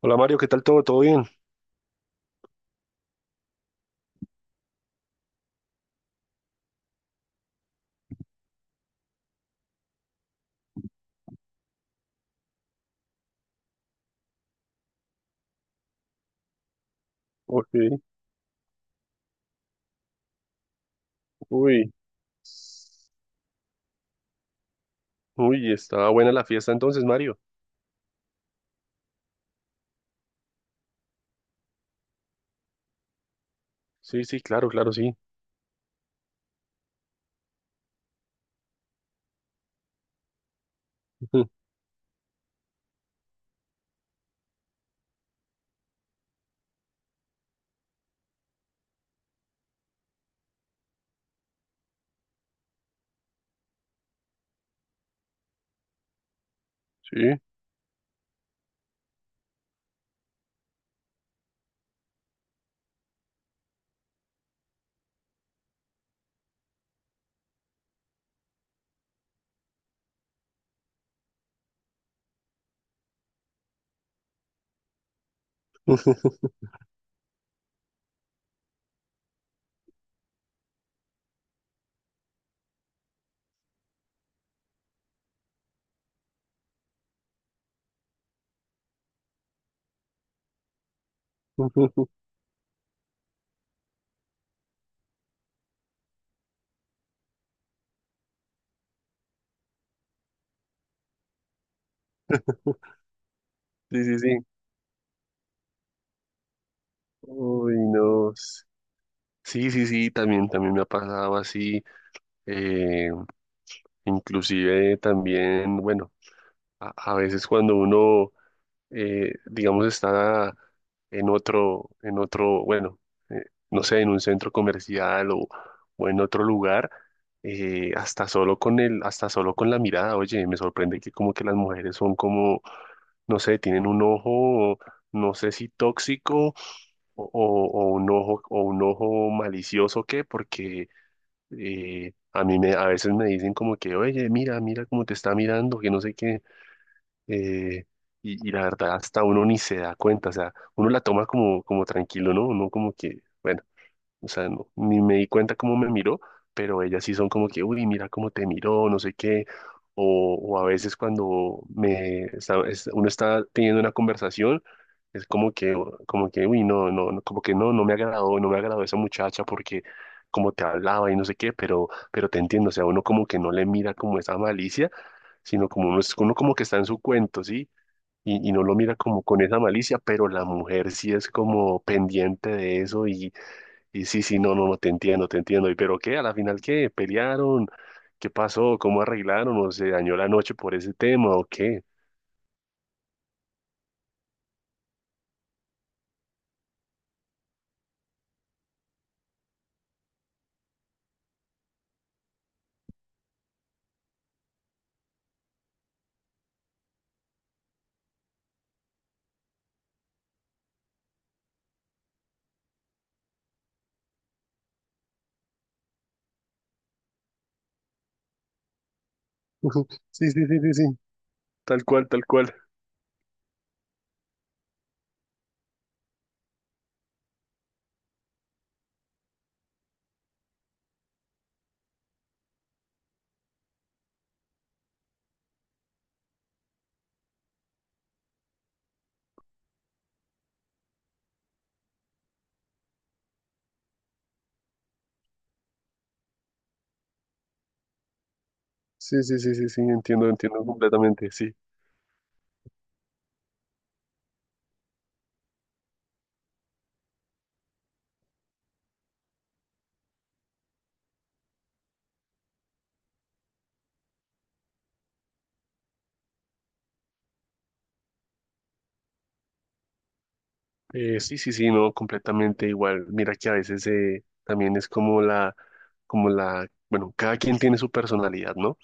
Hola Mario, ¿qué tal todo? ¿Todo bien? Ok. Uy. Uy, estaba buena la fiesta entonces, Mario. Sí, sí, claro, claro, sí. Sí. Sí, sí, sí. Uy, no. Sí, sí, sí, también, también me ha pasado así. eh, Inclusive también, bueno, a veces cuando uno digamos, está en otro, bueno, eh, no sé, en un centro comercial o en otro lugar, hasta solo con el, hasta solo con la mirada. Oye, me sorprende que como que las mujeres son como, no sé, tienen un ojo, no sé si tóxico o un ojo malicioso, ¿qué? Porque a mí me, a veces me dicen como que, oye, mira, mira cómo te está mirando, que no sé qué. eh, y, y la verdad, hasta uno ni se da cuenta, o sea, uno la toma como, como tranquilo, ¿no? Uno como que, bueno, o sea, ni me di cuenta cómo me miró, pero ellas sí son como que, uy, mira cómo te miró, no sé qué. O a veces cuando uno está teniendo una conversación, es como que, uy, no, no, no, como que no, no me agradó, no me agradó esa muchacha porque como te hablaba y no sé qué. Pero te entiendo, o sea, uno como que no le mira como esa malicia, sino como uno, uno como que está en su cuento, ¿sí? Y no lo mira como con esa malicia, pero la mujer sí es como pendiente de eso. Y y sí, sí, no, no, no, te entiendo, te entiendo. ¿Y pero qué? ¿A la final qué? ¿Pelearon? ¿Qué pasó? ¿Cómo arreglaron? ¿O se dañó la noche por ese tema o qué? Ujú. Sí, sí, sí, sí, sí. Tal cual, tal cual. Sí, sí, sí, sí, sí, entiendo, entiendo completamente, sí. Sí, sí, sí, no, completamente igual. Mira que a veces también es como la, bueno, cada quien tiene su personalidad, ¿no?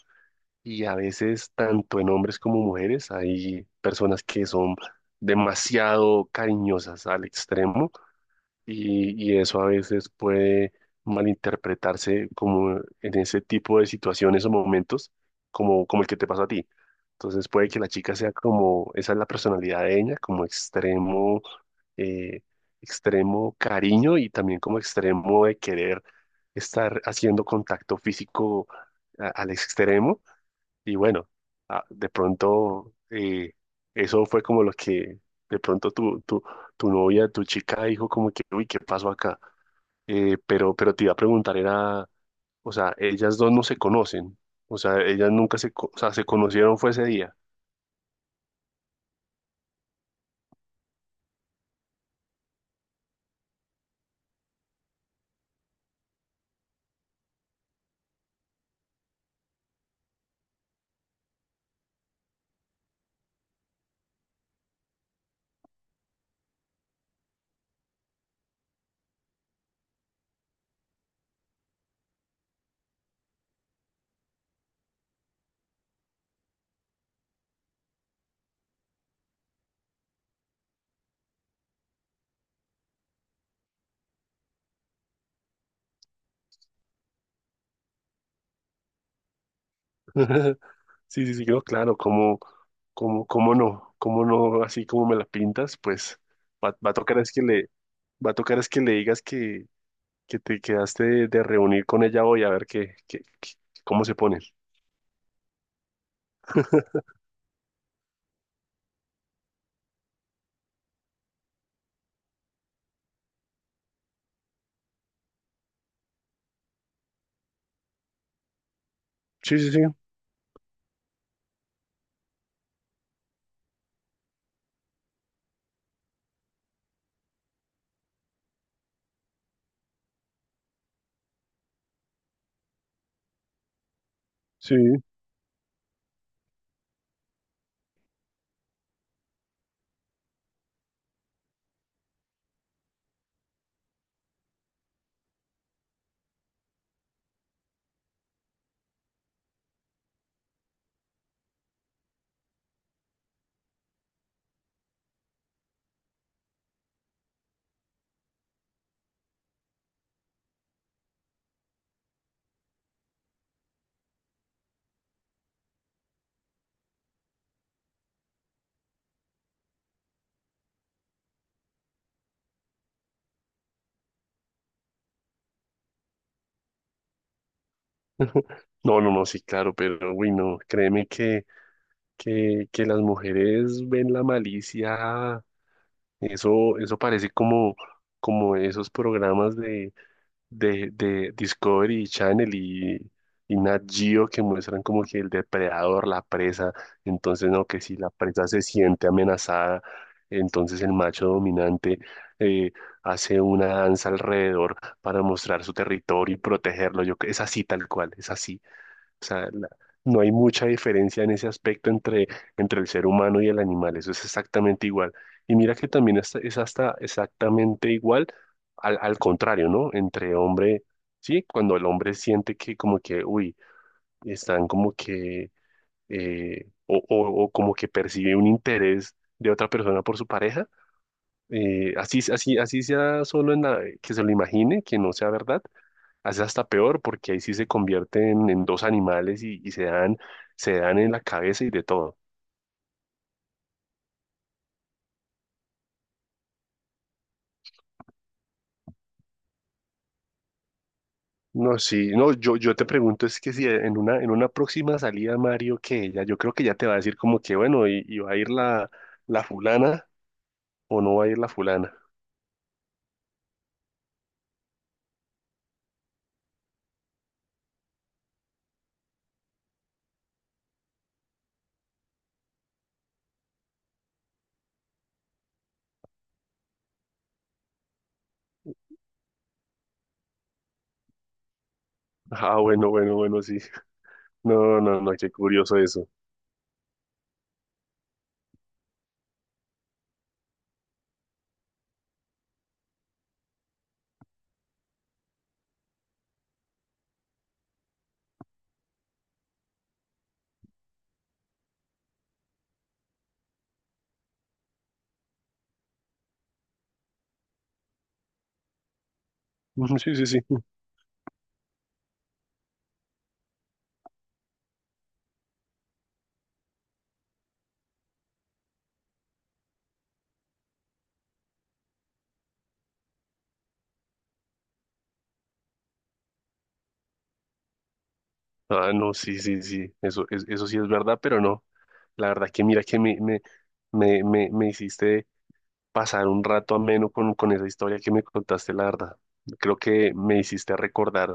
Y a veces, tanto en hombres como mujeres, hay personas que son demasiado cariñosas al extremo, y eso a veces puede malinterpretarse como en ese tipo de situaciones o momentos, como, como el que te pasó a ti. Entonces puede que la chica sea como, esa es la personalidad de ella, como extremo, eh, extremo cariño, y también como extremo de querer estar haciendo contacto físico al extremo. Y bueno, ah, de pronto eso fue como lo que de pronto tu novia, tu chica dijo como que, uy, ¿qué pasó acá? Pero te iba a preguntar, era, o sea, ellas dos no se conocen, o sea, ellas nunca se, co- o sea, se conocieron fue ese día. Sí, sí, sí, no, claro, cómo cómo- cómo no, así como me la pintas, pues va a tocar es que va a tocar es que le digas que te quedaste de reunir con ella hoy a ver cómo se pone. Sí, sí, sí, sí. No, no, no, sí, claro, pero uy, no, créeme que las mujeres ven la malicia. Eso parece como, como esos programas de, de Discovery Channel y Nat Geo, que muestran como que el depredador, la presa. Entonces no, que si la presa se siente amenazada, entonces el macho dominante eh, hace una danza alrededor para mostrar su territorio y protegerlo. Yo, es así tal cual, es así. O sea, no hay mucha diferencia en ese aspecto entre, entre el ser humano y el animal, eso es exactamente igual. Y mira que también es hasta exactamente igual al, al contrario, ¿no? Entre hombre, sí, cuando el hombre siente que como que, uy, están como que, o como que percibe un interés de otra persona por su pareja, así, así, así sea solo en la, que se lo imagine, que no sea verdad, hace hasta peor porque ahí sí se convierten en dos animales, y se dan en la cabeza y de todo. No, sí, no, yo te pregunto es que si en una, en una próxima salida, Mario, que ella, yo creo que ya te va a decir como que bueno, y va a ir la, la fulana o no va a ir la fulana. Ah, bueno, bueno, bueno, sí. No, no, no, qué curioso eso. Sí, sí, sí. Ah, no, sí, sí, sí. Eso, eso sí es verdad, pero no. La verdad que mira que me hiciste pasar un rato ameno con esa historia que me contaste, la verdad. Creo que me hiciste recordar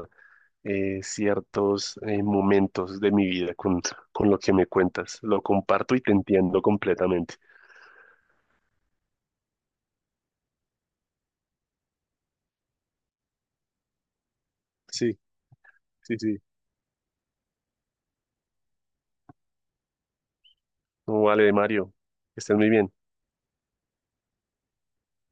ciertos momentos de mi vida con lo que me cuentas. Lo comparto y te entiendo completamente. Sí, sí, sí. Vale, Mario, que estés muy bien.